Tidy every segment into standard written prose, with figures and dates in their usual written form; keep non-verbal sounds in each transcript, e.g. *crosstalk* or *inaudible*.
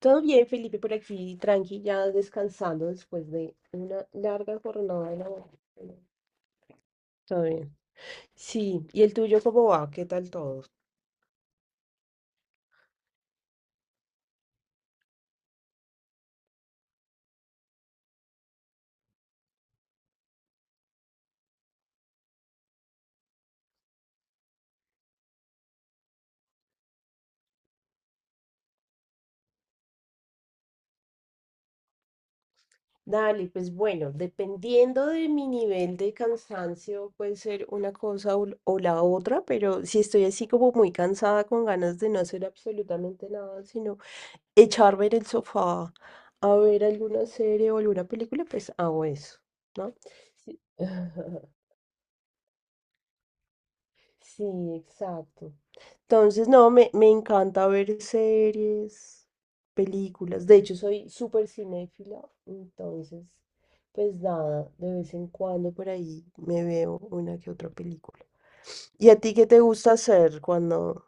Todo bien, Felipe, por aquí, tranqui, ya descansando después de una larga jornada de labor. Todo bien. Sí, ¿y el tuyo cómo va? ¿Qué tal todo? Dale, pues bueno, dependiendo de mi nivel de cansancio, puede ser una cosa o la otra, pero si estoy así como muy cansada con ganas de no hacer absolutamente nada, sino echarme en el sofá a ver alguna serie o alguna película, pues hago eso, ¿no? Sí. *laughs* Sí, exacto. Entonces, no, me encanta ver series, películas. De hecho, soy súper cinéfila. Entonces, pues nada, de vez en cuando por ahí me veo una que otra película. ¿Y a ti qué te gusta hacer cuando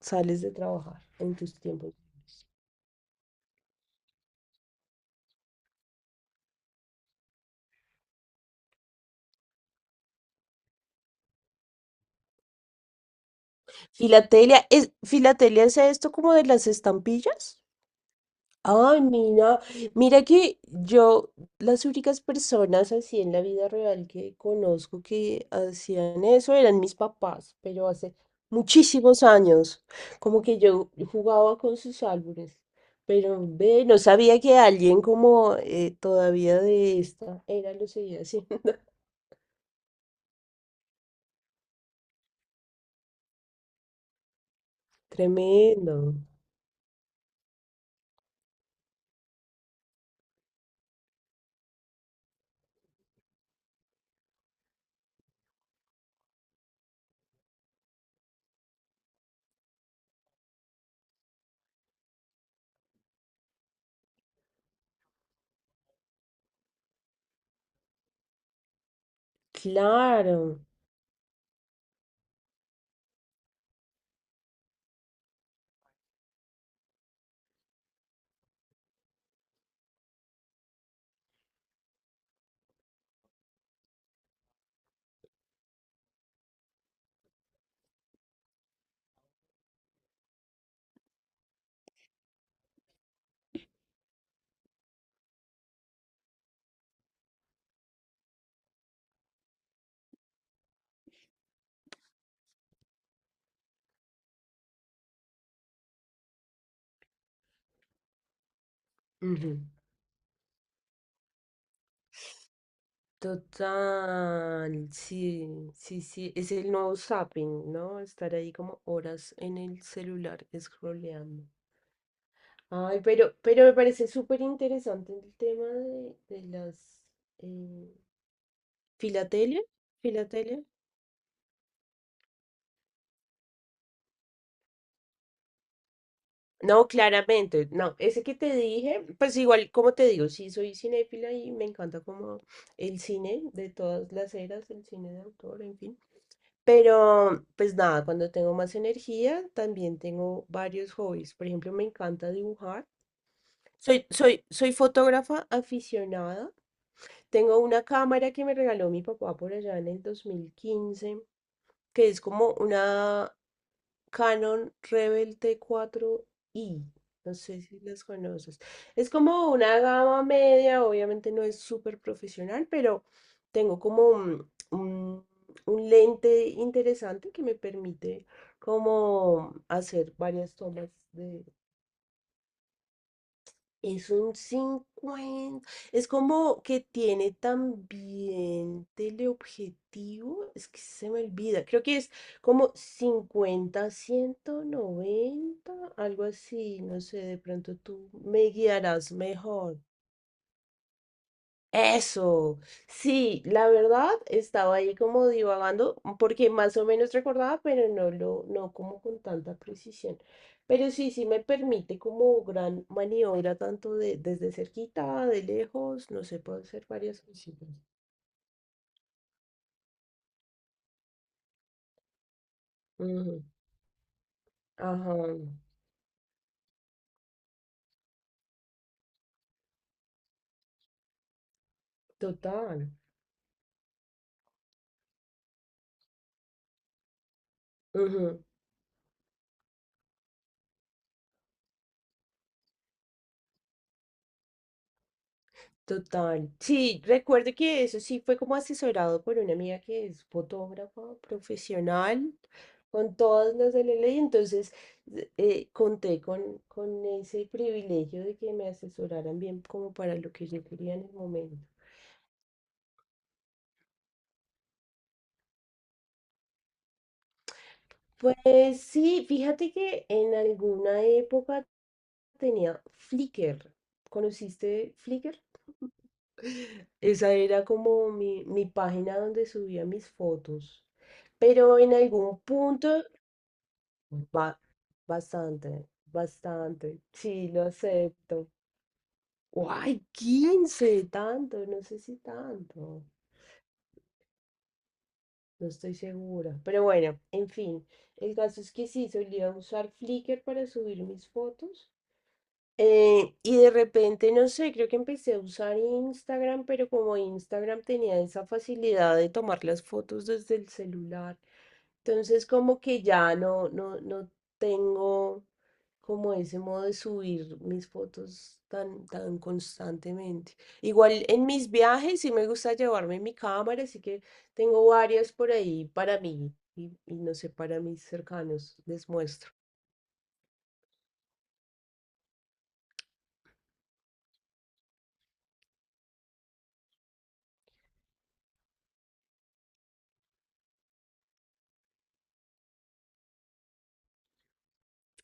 sales de trabajar en tus tiempos? Filatelia es esto como de las estampillas. Ay, mira, mira que yo, las únicas personas así en la vida real que conozco que hacían eso eran mis papás, pero hace muchísimos años, como que yo jugaba con sus álbumes, pero ve, no sabía que alguien como todavía de esta era lo seguía así. *laughs* Tremendo, claro. Total, sí, sí, sí, es el nuevo zapping, ¿no? Estar ahí como horas en el celular scrolleando. Ay, pero me parece súper interesante el tema de las eh, filatelia, filatelia. No, claramente, no, ese que te dije, pues igual, como te digo, sí soy cinéfila y me encanta como el cine de todas las eras, el cine de autor, en fin. Pero, pues nada, cuando tengo más energía, también tengo varios hobbies. Por ejemplo, me encanta dibujar. Soy fotógrafa aficionada. Tengo una cámara que me regaló mi papá por allá en el 2015, que es como una Canon Rebel T4 i. No sé si las conoces. Es como una gama media, obviamente no es súper profesional, pero tengo como un lente interesante que me permite como hacer varias tomas de. Es un 50. Es como que tiene también teleobjetivo. Es que se me olvida. Creo que es como 50-190, algo así. No sé, de pronto tú me guiarás mejor. Eso, sí, la verdad estaba ahí como divagando, porque más o menos recordaba, pero no lo, no como con tanta precisión. Pero sí, sí me permite como gran maniobra, tanto de, desde cerquita, de lejos, no sé, puedo hacer varias cositas. Ujú. Ajá, total. Total. Sí, recuerdo que eso sí fue como asesorado por una amiga que es fotógrafa profesional, con todas las de la ley. Entonces, conté con ese privilegio de que me asesoraran bien como para lo que yo quería en el momento. Pues sí, fíjate que en alguna época tenía Flickr. ¿Conociste Flickr? *laughs* Esa era como mi página donde subía mis fotos. Pero en algún punto, ba- bastante, bastante. Sí, lo acepto. ¡Guay! 15, tanto, no sé si tanto. No estoy segura. Pero bueno, en fin. El caso es que sí, solía usar Flickr para subir mis fotos. Y de repente, no sé, creo que empecé a usar Instagram, pero como Instagram tenía esa facilidad de tomar las fotos desde el celular, entonces como que ya no, no, no tengo como ese modo de subir mis fotos tan, tan constantemente. Igual en mis viajes sí me gusta llevarme mi cámara, así que tengo varias por ahí para mí y no sé, para mis cercanos, les muestro.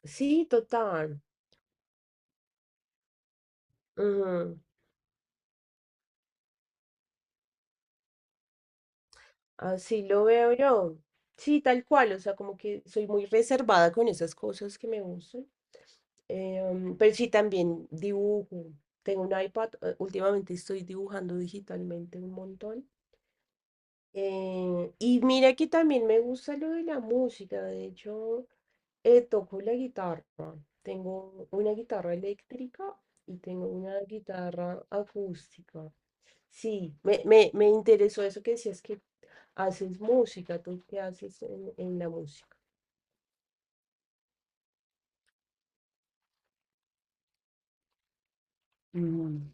Sí, total. Ujú. Así lo veo yo. Sí, tal cual, o sea, como que soy muy reservada con esas cosas que me gustan. Pero sí, también dibujo. Tengo un iPad, últimamente estoy dibujando digitalmente un montón. Y mira que también me gusta lo de la música, de hecho, toco la guitarra. Tengo una guitarra eléctrica y tengo una guitarra acústica. Sí, me interesó eso que decías que haces música, tú qué haces en la música. Mm.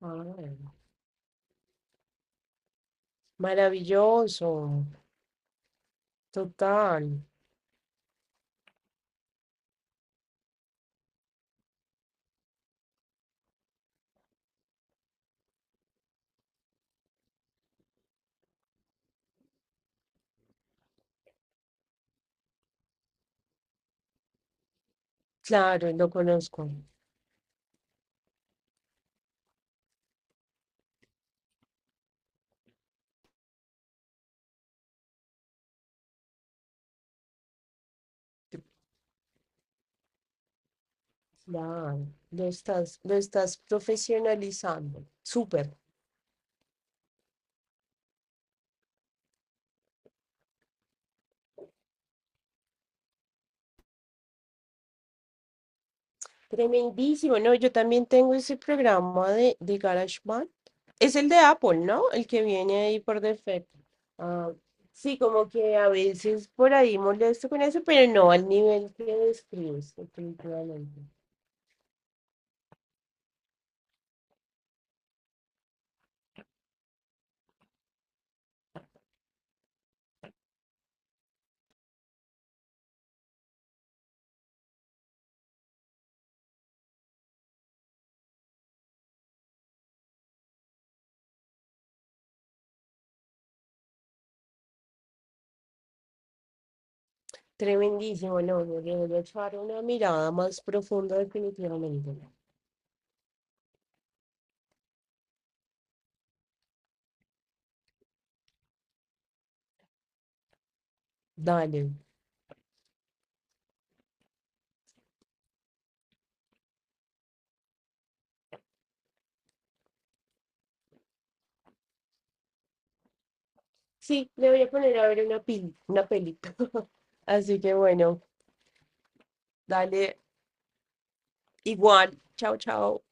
Ah, bueno. Maravilloso, total. Claro, lo conozco. Claro, lo estás profesionalizando. Súper, tremendísimo. No, yo también tengo ese programa de GarageBand. Es el de Apple, ¿no? El que viene ahí por defecto. Ah, sí, como que a veces por ahí molesto con eso, pero no al nivel que describes, definitivamente. Tremendísimo, no, no, le voy a echar una mirada más profunda definitivamente. Dale. Sí, le voy a poner a ver una peli, una peli. *laughs* Así que bueno, dale igual. Chao, chao.